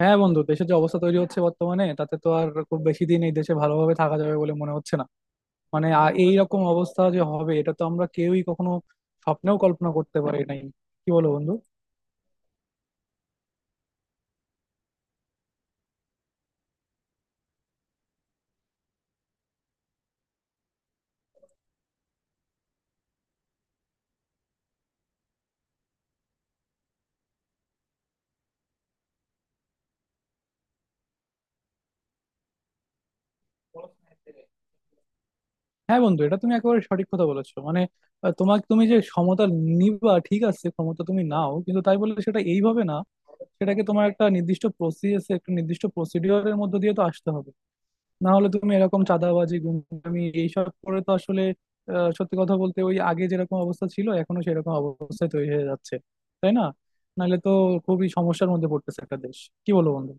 হ্যাঁ বন্ধু, দেশের যে অবস্থা তৈরি হচ্ছে বর্তমানে, তাতে তো আর খুব বেশি দিন এই দেশে ভালোভাবে থাকা যাবে বলে মনে হচ্ছে না। মানে এইরকম অবস্থা যে হবে এটা তো আমরা কেউই কখনো স্বপ্নেও কল্পনা করতে পারি নাই। কি বলো বন্ধু? হ্যাঁ বন্ধু, এটা তুমি একেবারে সঠিক কথা বলেছো। মানে তোমাকে, তুমি যে ক্ষমতা নিবা ঠিক আছে, ক্ষমতা তুমি নাও, কিন্তু তাই বলে সেটা এইভাবে না। সেটাকে তোমার একটা নির্দিষ্ট প্রসেস, একটা নির্দিষ্ট প্রসিডিওরের মধ্যে দিয়ে তো আসতে হবে। না হলে তুমি এরকম চাঁদাবাজি, গুন্ডামি এইসব করে তো আসলে সত্যি কথা বলতে, ওই আগে যেরকম অবস্থা ছিল এখনো সেরকম অবস্থা তৈরি হয়ে যাচ্ছে। তাই না? নাহলে তো খুবই সমস্যার মধ্যে পড়তেছে একটা দেশ। কি বলো বন্ধু?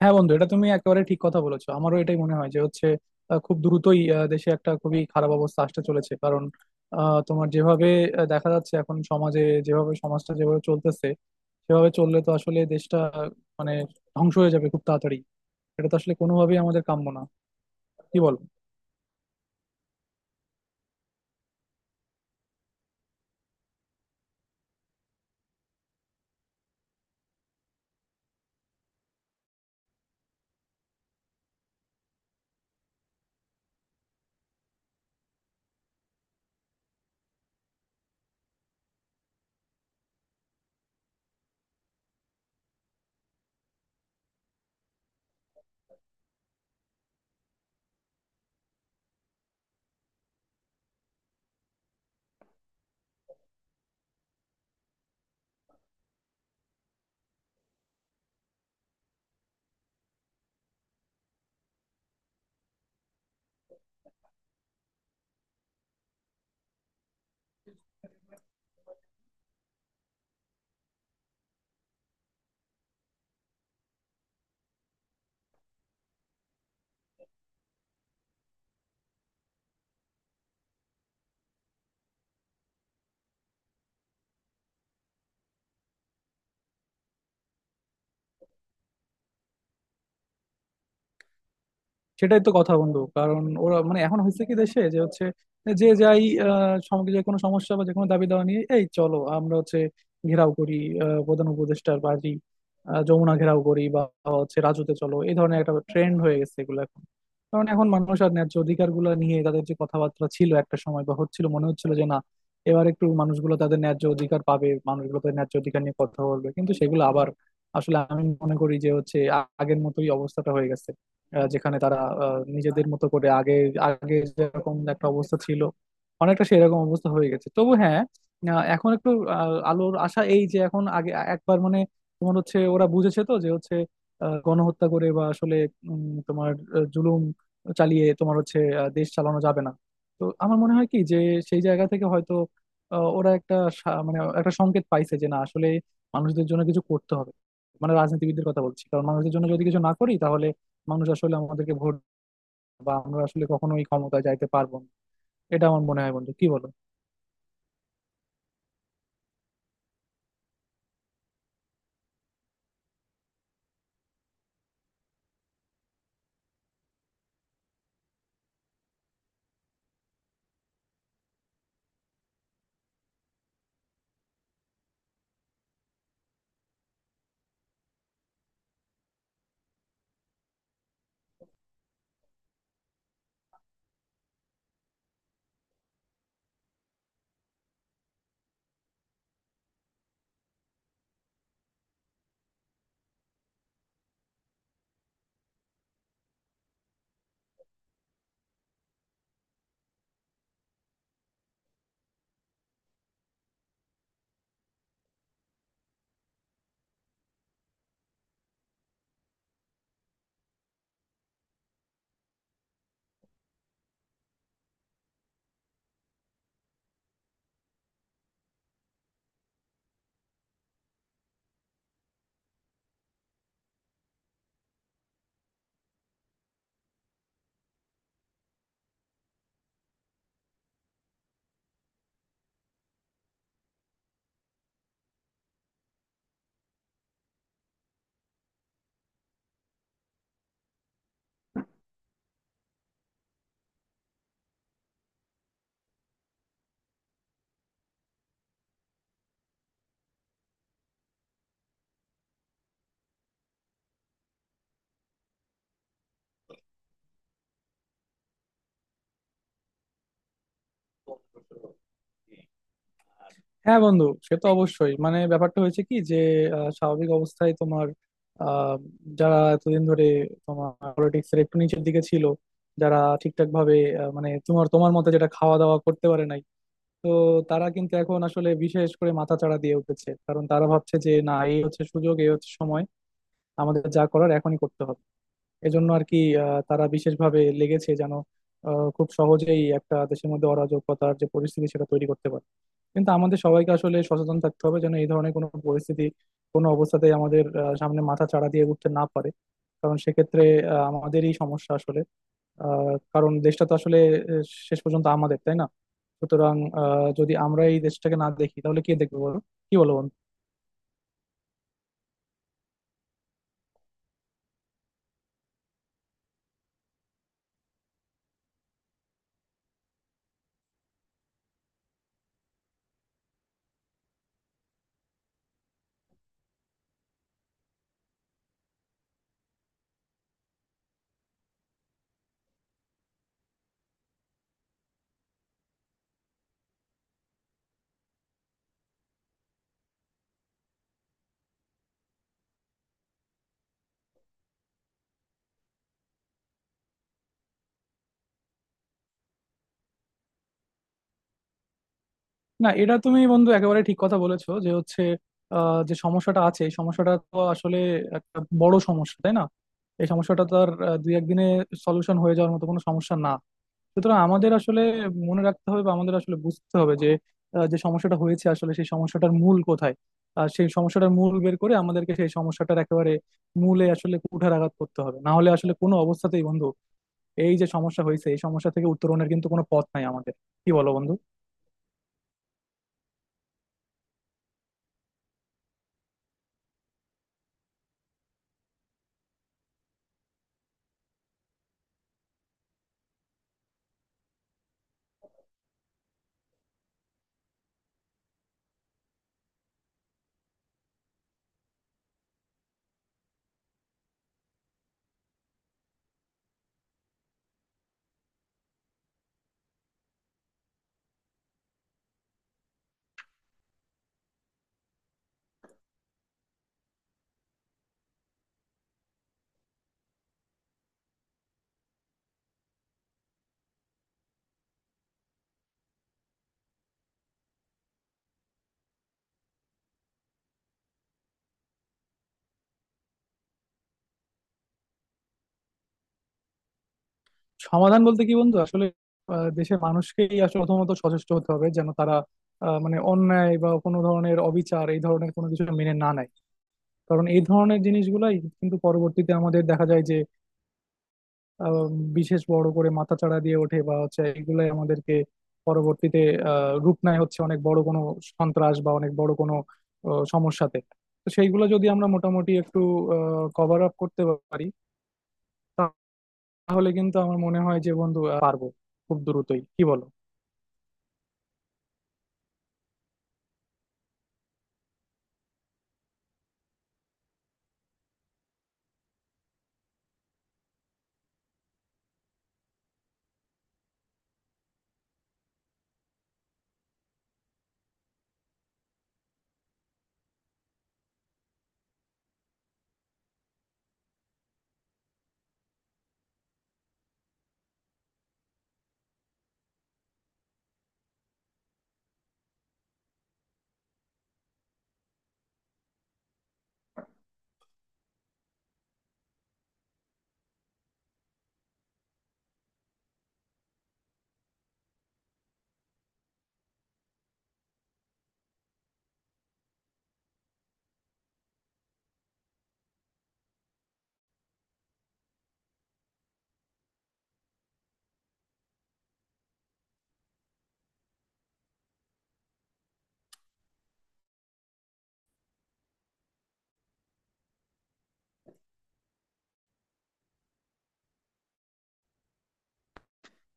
হ্যাঁ বন্ধু, এটা তুমি একেবারে ঠিক কথা বলেছো। আমারও এটাই মনে হয় যে হচ্ছে, খুব দ্রুতই দেশে একটা খুবই খারাপ অবস্থা আসতে চলেছে। কারণ তোমার যেভাবে দেখা যাচ্ছে এখন সমাজে যেভাবে সমাজটা যেভাবে চলতেছে, সেভাবে চললে তো আসলে দেশটা মানে ধ্বংস হয়ে যাবে খুব তাড়াতাড়ি। এটা তো আসলে কোনোভাবেই আমাদের কাম্য না। কি বল? সেটাই তো কথা বন্ধু। কারণ ওরা মানে এখন হয়েছে কি, দেশে যে হচ্ছে, যে যাই যে কোনো সমস্যা বা যে কোনো দাবি দাওয়া নিয়ে এই চলো আমরা হচ্ছে ঘেরাও করি প্রধান উপদেষ্টার বাড়ি, যমুনা ঘেরাও করি, বা হচ্ছে রাজুতে চলো, এই ধরনের একটা ট্রেন্ড হয়ে গেছে এগুলো এখন। কারণ এখন মানুষ আর ন্যায্য অধিকার গুলা নিয়ে তাদের যে কথাবার্তা ছিল একটা সময়, বা হচ্ছিল মনে হচ্ছিল যে না, এবার একটু মানুষগুলো তাদের ন্যায্য অধিকার পাবে, মানুষগুলো তাদের ন্যায্য অধিকার নিয়ে কথা বলবে, কিন্তু সেগুলো আবার আসলে আমি মনে করি যে হচ্ছে আগের মতোই অবস্থাটা হয়ে গেছে। যেখানে তারা নিজেদের মতো করে আগে আগে যেরকম একটা অবস্থা ছিল অনেকটা সেরকম অবস্থা হয়ে গেছে। তবু হ্যাঁ, এখন একটু আলোর আশা, এই যে এখন আগে একবার মানে তোমার হচ্ছে ওরা বুঝেছে তো যে হচ্ছে গণহত্যা করে বা আসলে তোমার জুলুম চালিয়ে তোমার হচ্ছে দেশ চালানো যাবে না। তো আমার মনে হয় কি, যে সেই জায়গা থেকে হয়তো ওরা একটা মানে একটা সংকেত পাইছে যে না, আসলে মানুষদের জন্য কিছু করতে হবে। মানে রাজনীতিবিদদের কথা বলছি, কারণ মানুষদের জন্য যদি কিছু না করি তাহলে মানুষ আসলে আমাদেরকে ভোট বা আমরা আসলে কখনোই ক্ষমতায় যাইতে পারবো না। এটা আমার মনে হয় বন্ধু, কি বলো? হ্যাঁ বন্ধু, সে তো অবশ্যই। মানে ব্যাপারটা হয়েছে কি যে স্বাভাবিক অবস্থায় তোমার আহ, যারা এতদিন ধরে তোমার পলিটিক্স এর একটু নিচের দিকে ছিল, যারা ঠিকঠাক ভাবে মানে তোমার তোমার মতে যেটা, খাওয়া দাওয়া করতে পারে নাই, তো তারা কিন্তু এখন আসলে বিশেষ করে মাথাচাড়া দিয়ে উঠেছে। কারণ তারা ভাবছে যে না, এই হচ্ছে সুযোগ, এই হচ্ছে সময়, আমাদের যা করার এখনই করতে হবে। এজন্য আর কি তারা বিশেষভাবে লেগেছে যেন খুব সহজেই একটা দেশের মধ্যে অরাজকতার যে পরিস্থিতি সেটা তৈরি করতে পারে। কিন্তু আমাদের সবাইকে আসলে সচেতন থাকতে হবে যেন এই ধরনের কোনো পরিস্থিতি কোনো অবস্থাতেই আমাদের সামনে মাথা চাড়া দিয়ে উঠতে না পারে। কারণ সেক্ষেত্রে আমাদেরই সমস্যা আসলে। কারণ দেশটা তো আসলে আহ, শেষ পর্যন্ত আমাদের, তাই না? সুতরাং যদি আমরা এই দেশটাকে না দেখি তাহলে কে দেখবে বলো? কি বলো বন্ধু? না, এটা তুমি বন্ধু একেবারে ঠিক কথা বলেছো যে হচ্ছে যে সমস্যাটা আছে এই সমস্যাটা তো আসলে একটা বড় সমস্যা, তাই না? এই সমস্যাটা তো আর দুই একদিনে সলিউশন হয়ে যাওয়ার মতো কোনো সমস্যা না। সুতরাং আমাদের আসলে মনে রাখতে হবে, বা আমাদের আসলে বুঝতে হবে যে যে সমস্যাটা হয়েছে আসলে সেই সমস্যাটার মূল কোথায়। আর সেই সমস্যাটার মূল বের করে আমাদেরকে সেই সমস্যাটার একেবারে মূলে আসলে কুঠারাঘাত করতে হবে। না হলে আসলে কোনো অবস্থাতেই বন্ধু, এই যে সমস্যা হয়েছে এই সমস্যা থেকে উত্তরণের কিন্তু কোনো পথ নাই আমাদের। কি বলো বন্ধু? সমাধান বলতে কি বন্ধু, আসলে দেশের মানুষকেই আসলে প্রথমত সচেষ্ট হতে হবে যেন তারা মানে অন্যায় বা কোনো ধরনের অবিচার, এই ধরনের কোনো কিছু মেনে না নেয়। কারণ এই ধরনের জিনিসগুলাই কিন্তু পরবর্তীতে আমাদের দেখা যায় যে আহ, বিশেষ বড় করে মাথাচাড়া দিয়ে ওঠে বা হচ্ছে এগুলাই আমাদেরকে পরবর্তীতে রূপ নেয় হচ্ছে অনেক বড় কোনো সন্ত্রাস বা অনেক বড় কোনো সমস্যাতে। তো সেইগুলো যদি আমরা মোটামুটি একটু কভার আপ করতে পারি, তাহলে কিন্তু আমার মনে হয় যে বন্ধু পারবো খুব দ্রুতই। কি বলো?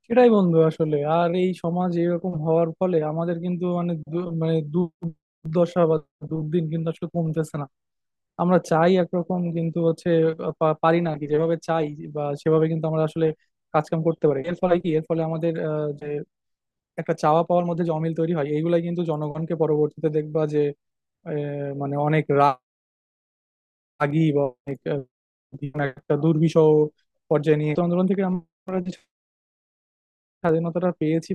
সেটাই বন্ধু, আসলে আর এই সমাজ এরকম হওয়ার ফলে আমাদের কিন্তু মানে মানে দুর্দশা বা দুর্দিন কিন্তু আসলে কমতেছে না। আমরা চাই একরকম, কিন্তু হচ্ছে পারি না আর কি যেভাবে চাই বা সেভাবে কিন্তু আমরা আসলে কাজকাম করতে পারি। এর ফলে কি, এর ফলে আমাদের যে একটা চাওয়া পাওয়ার মধ্যে যে অমিল তৈরি হয় এইগুলাই কিন্তু জনগণকে পরবর্তীতে দেখবা যে মানে অনেক রাগী বা অনেক একটা দুর্বিষহ পর্যায়ে নিয়ে, তো আন্দোলন থেকে আমরা যে স্বাধীনতাটা পেয়েছি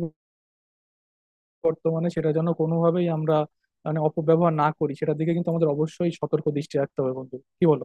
বর্তমানে সেটা যেন কোনোভাবেই আমরা মানে অপব্যবহার না করি, সেটার দিকে কিন্তু আমাদের অবশ্যই সতর্ক দৃষ্টি রাখতে হবে বন্ধু। কি বলো?